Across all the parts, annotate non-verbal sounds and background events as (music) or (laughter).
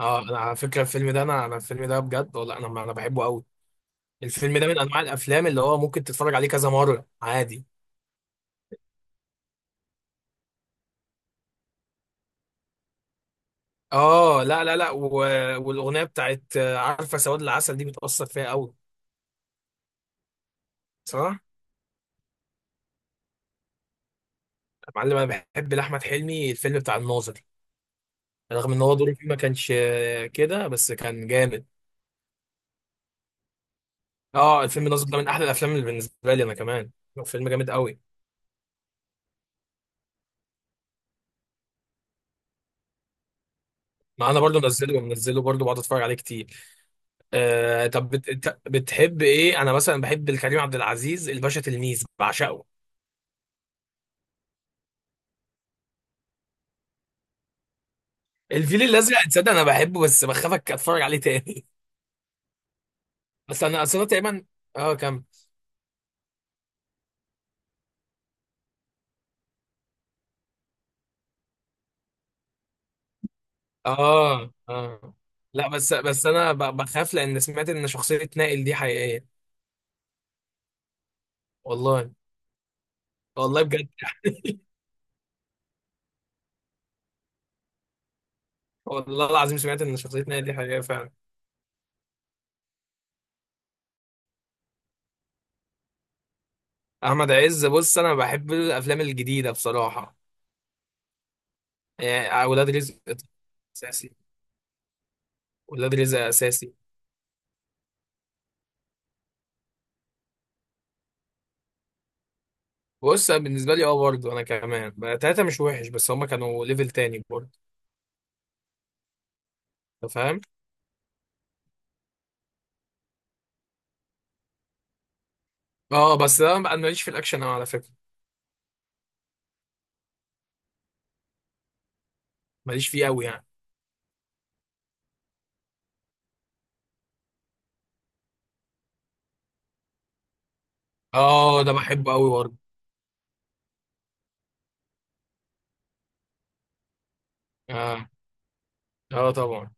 اه، انا على فكره، الفيلم ده بجد والله انا بحبه قوي. الفيلم ده من انواع الافلام اللي هو ممكن تتفرج عليه كذا مره، عادي. اه، لا لا لا، والاغنيه بتاعت عارفه، سواد العسل دي بتاثر فيا قوي. صراحه. يا معلم، انا بحب لاحمد حلمي الفيلم بتاع الناظر، رغم ان هو دوره فيه ما كانش كده، بس كان جامد. اه، الفيلم الناظر ده من احلى الافلام اللي بالنسبه لي انا كمان، فيلم جامد قوي. ما انا برضو منزله ومنزله، برضو بقعد اتفرج عليه كتير. آه، طب إنت بتحب ايه؟ انا مثلا بحب الكريم عبد العزيز، الباشا تلميذ بعشقه. الفيل الازرق، تصدق انا بحبه بس بخاف اتفرج عليه تاني. (laughs) بس انا اصلا تقريبا. اه، كم. اه اه، لا، بس انا بخاف لان سمعت ان شخصية نائل دي حقيقية. والله والله بجد. (laughs) والله العظيم، سمعت ان شخصية نائل دي حقيقية فعلا. احمد عز، بص انا بحب الافلام الجديدة بصراحة. يعني ولاد رزق اساسي. ولاد رزق اساسي. بص، أنا بالنسبه لي اه، برضه انا كمان بقى تلاته مش وحش، بس هما كانوا ليفل تاني برضه. انت فاهم. اه، بس ده بقى، انا ماليش في الاكشن أوي على فكره، ماليش فيه قوي يعني. اه، ده بحبه قوي برضه. اه اه طبعا.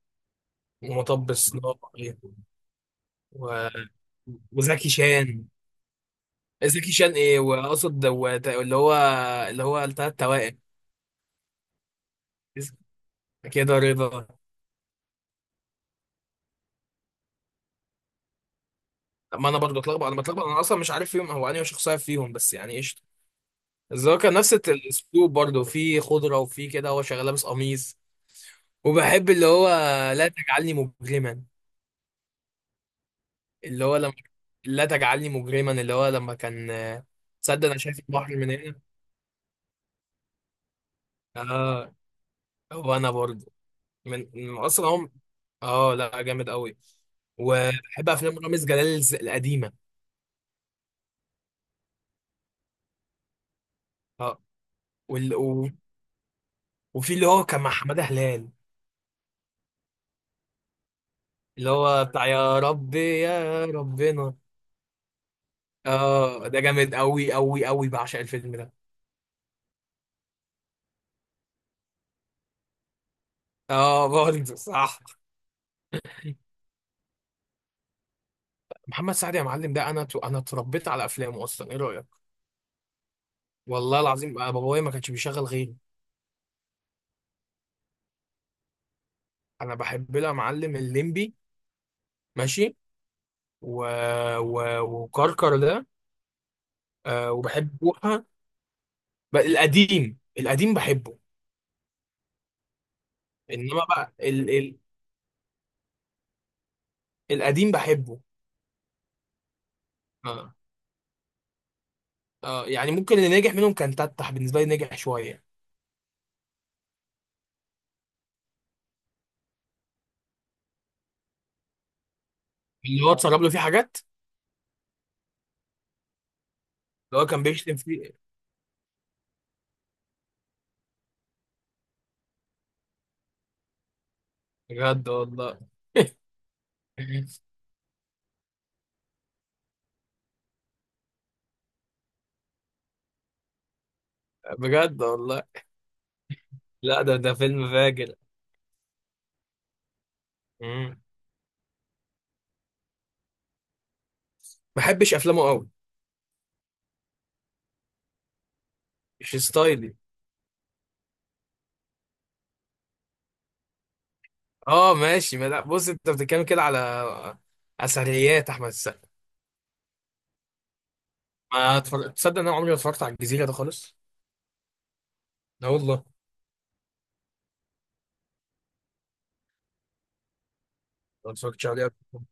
ومطب صناعي و... وزكي شان. زكي شان ايه واقصد دوت؟ اللي هو اللي هو التلات توائم. اس- كده رضا. ما انا برضه اتلخبط، انا بتلخبط، انا اصلا مش عارف فيهم هو انهي شخصيه فيهم، بس يعني قشطه. بس هو كان نفس الاسلوب برضه في خضره، وفي كده هو شغال لابس قميص. وبحب اللي هو لا تجعلني مجرما، اللي هو لما لا تجعلني مجرما اللي هو لما كان تصدق انا شايف البحر من هنا. اه، هو انا برضه من اصلا هم. اه، لا، جامد قوي. وبحب افلام رامز جلال القديمه. اه، وال... و... وفي اللي هو كان مع حماده هلال، اللي هو بتاع يا رب يا ربنا. اه، ده جامد قوي قوي قوي، بعشق الفيلم ده. اه، برضه صح. محمد سعد يا معلم، ده انا انا اتربيت على افلامه اصلا، ايه رايك؟ والله العظيم أنا بابايا ما كانش بيشغل غيره. انا بحب لها معلم الليمبي، ماشي، و... وكركر ده. آه، وبحب بوحة. القديم القديم بحبه. انما بقى القديم بحبه. آه. يعني ممكن اللي نجح منهم كان تتح بالنسبه لي، نجح شويه. اللي هو اتسرب له فيه حاجات، اللي هو كان بيشتم فيه. بجد والله. (laughs) بجد والله. لا، ده فيلم فاجر. ما بحبش افلامه قوي، مش ستايلي. اه، ماشي. ما لا، بص انت بتتكلم كده على اثريات احمد السقا. ما اتفرج... تصدق ان انا عمري ما اتفرجت على الجزيره ده خالص. لا والله. ما اتفرجتش عليه قبل كده.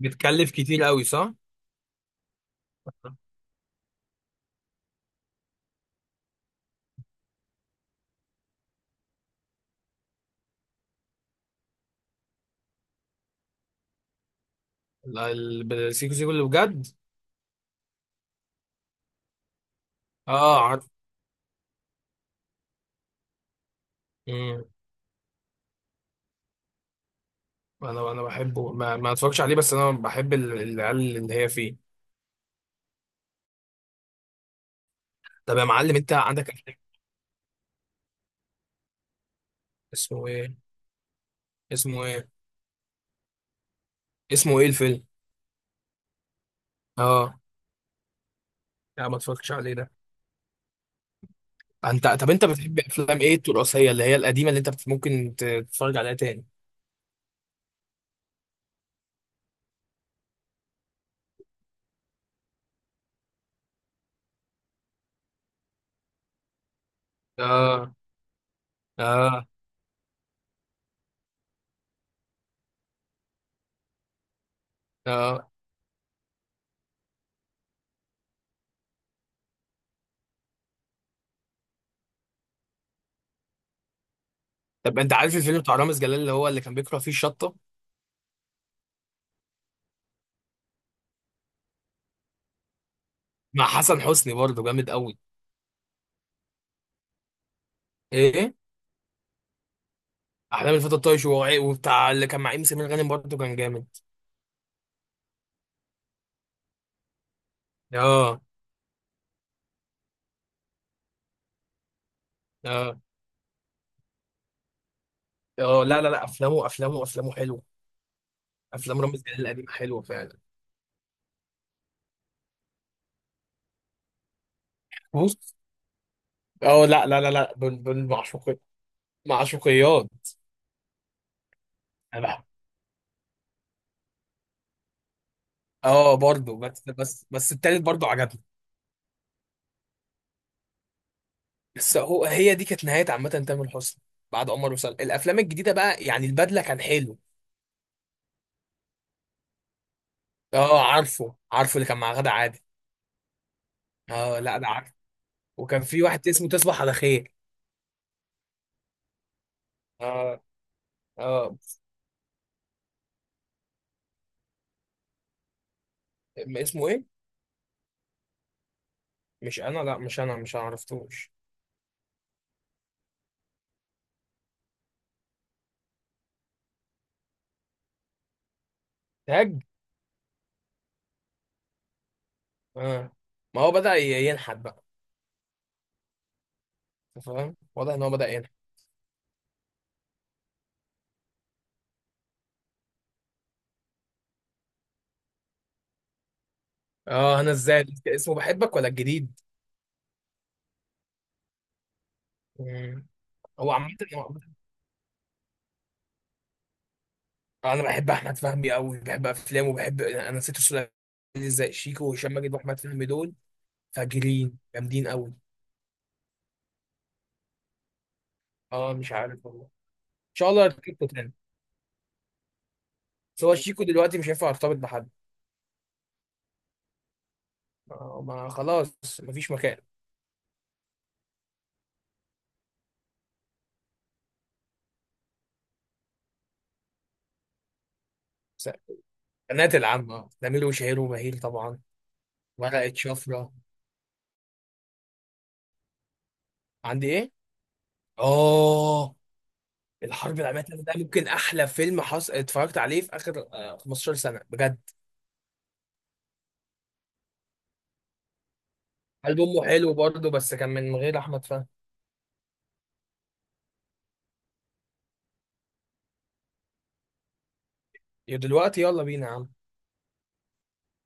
بتكلف كتير قوي، صح. لا، السيكو سيكو اللي بجد؟ اه، عارف. مم. انا بحبه، ما اتفرجش عليه، بس انا بحب العيال اللي هي فيه. طب يا معلم، انت عندك أفلام؟ اسمه ايه؟ اسمه ايه؟ اسمه ايه الفيلم؟ اه، لا، ما اتفرجتش عليه ده. انت طب، انت بتحب افلام ايه؟ التراثيه اللي هي القديمه، اللي انت ممكن تتفرج عليها تاني. اه اه اه. طب انت عارف الفيلم بتاع رامز جلال، اللي هو اللي كان بيكره فيه الشطه، مع حسن حسني برضه جامد قوي. ايه؟ احلام الفتى الطايش، وبتاع اللي كان مع ام سمير غانم برضه كان جامد. اه اه اه، لا لا لا، افلامه افلامه افلامه حلوه. افلام رامز جلال القديمه حلوه فعلا. بص، اه، لا لا لا لا، بن بن معشوقي معشوقيات. أنا بحب-. اه، برضه، بس التالت برضه عجبني. بس هي دي كانت نهايه، عامه تامر حسني. بعد عمر وسلمى الافلام الجديده بقى، يعني البدله كان حلو. اه، عارفه عارفه اللي كان مع غادة عادل. اه، لا ده عارفه. وكان في واحد اسمه تصبح على خير. اه اه. اسمه ايه؟ مش انا، لا مش انا، مش أنا عرفتوش. تاج. اه، ما هو بدأ ينحت بقى. أنت فاهم، واضح ان هو بدأ ينحت. اه، انا ازاي اسمه بحبك ولا الجديد؟ مم. هو عامة. انا بحب احمد فهمي قوي، بحب افلامه وبحب انا نسيت الثلاثي. ازاي شيكو وهشام ماجد واحمد فهمي دول فاجرين جامدين قوي. اه، مش عارف والله، ان شاء الله يركبوا تاني. بس هو شيكو دلوقتي مش هينفع يرتبط بحد. ما خلاص مفيش مكان. بس البنات العامة نميل وشهير وبهير طبعا، ورقة شفرة. عندي ايه؟ اه، الحرب العالمية التالتة ده ممكن أحلى فيلم اتفرجت عليه في آخر 15 سنة بجد. قلب أمه حلو برضه، بس كان من غير أحمد فهمي. يا دلوقتي يلا بينا يا عم.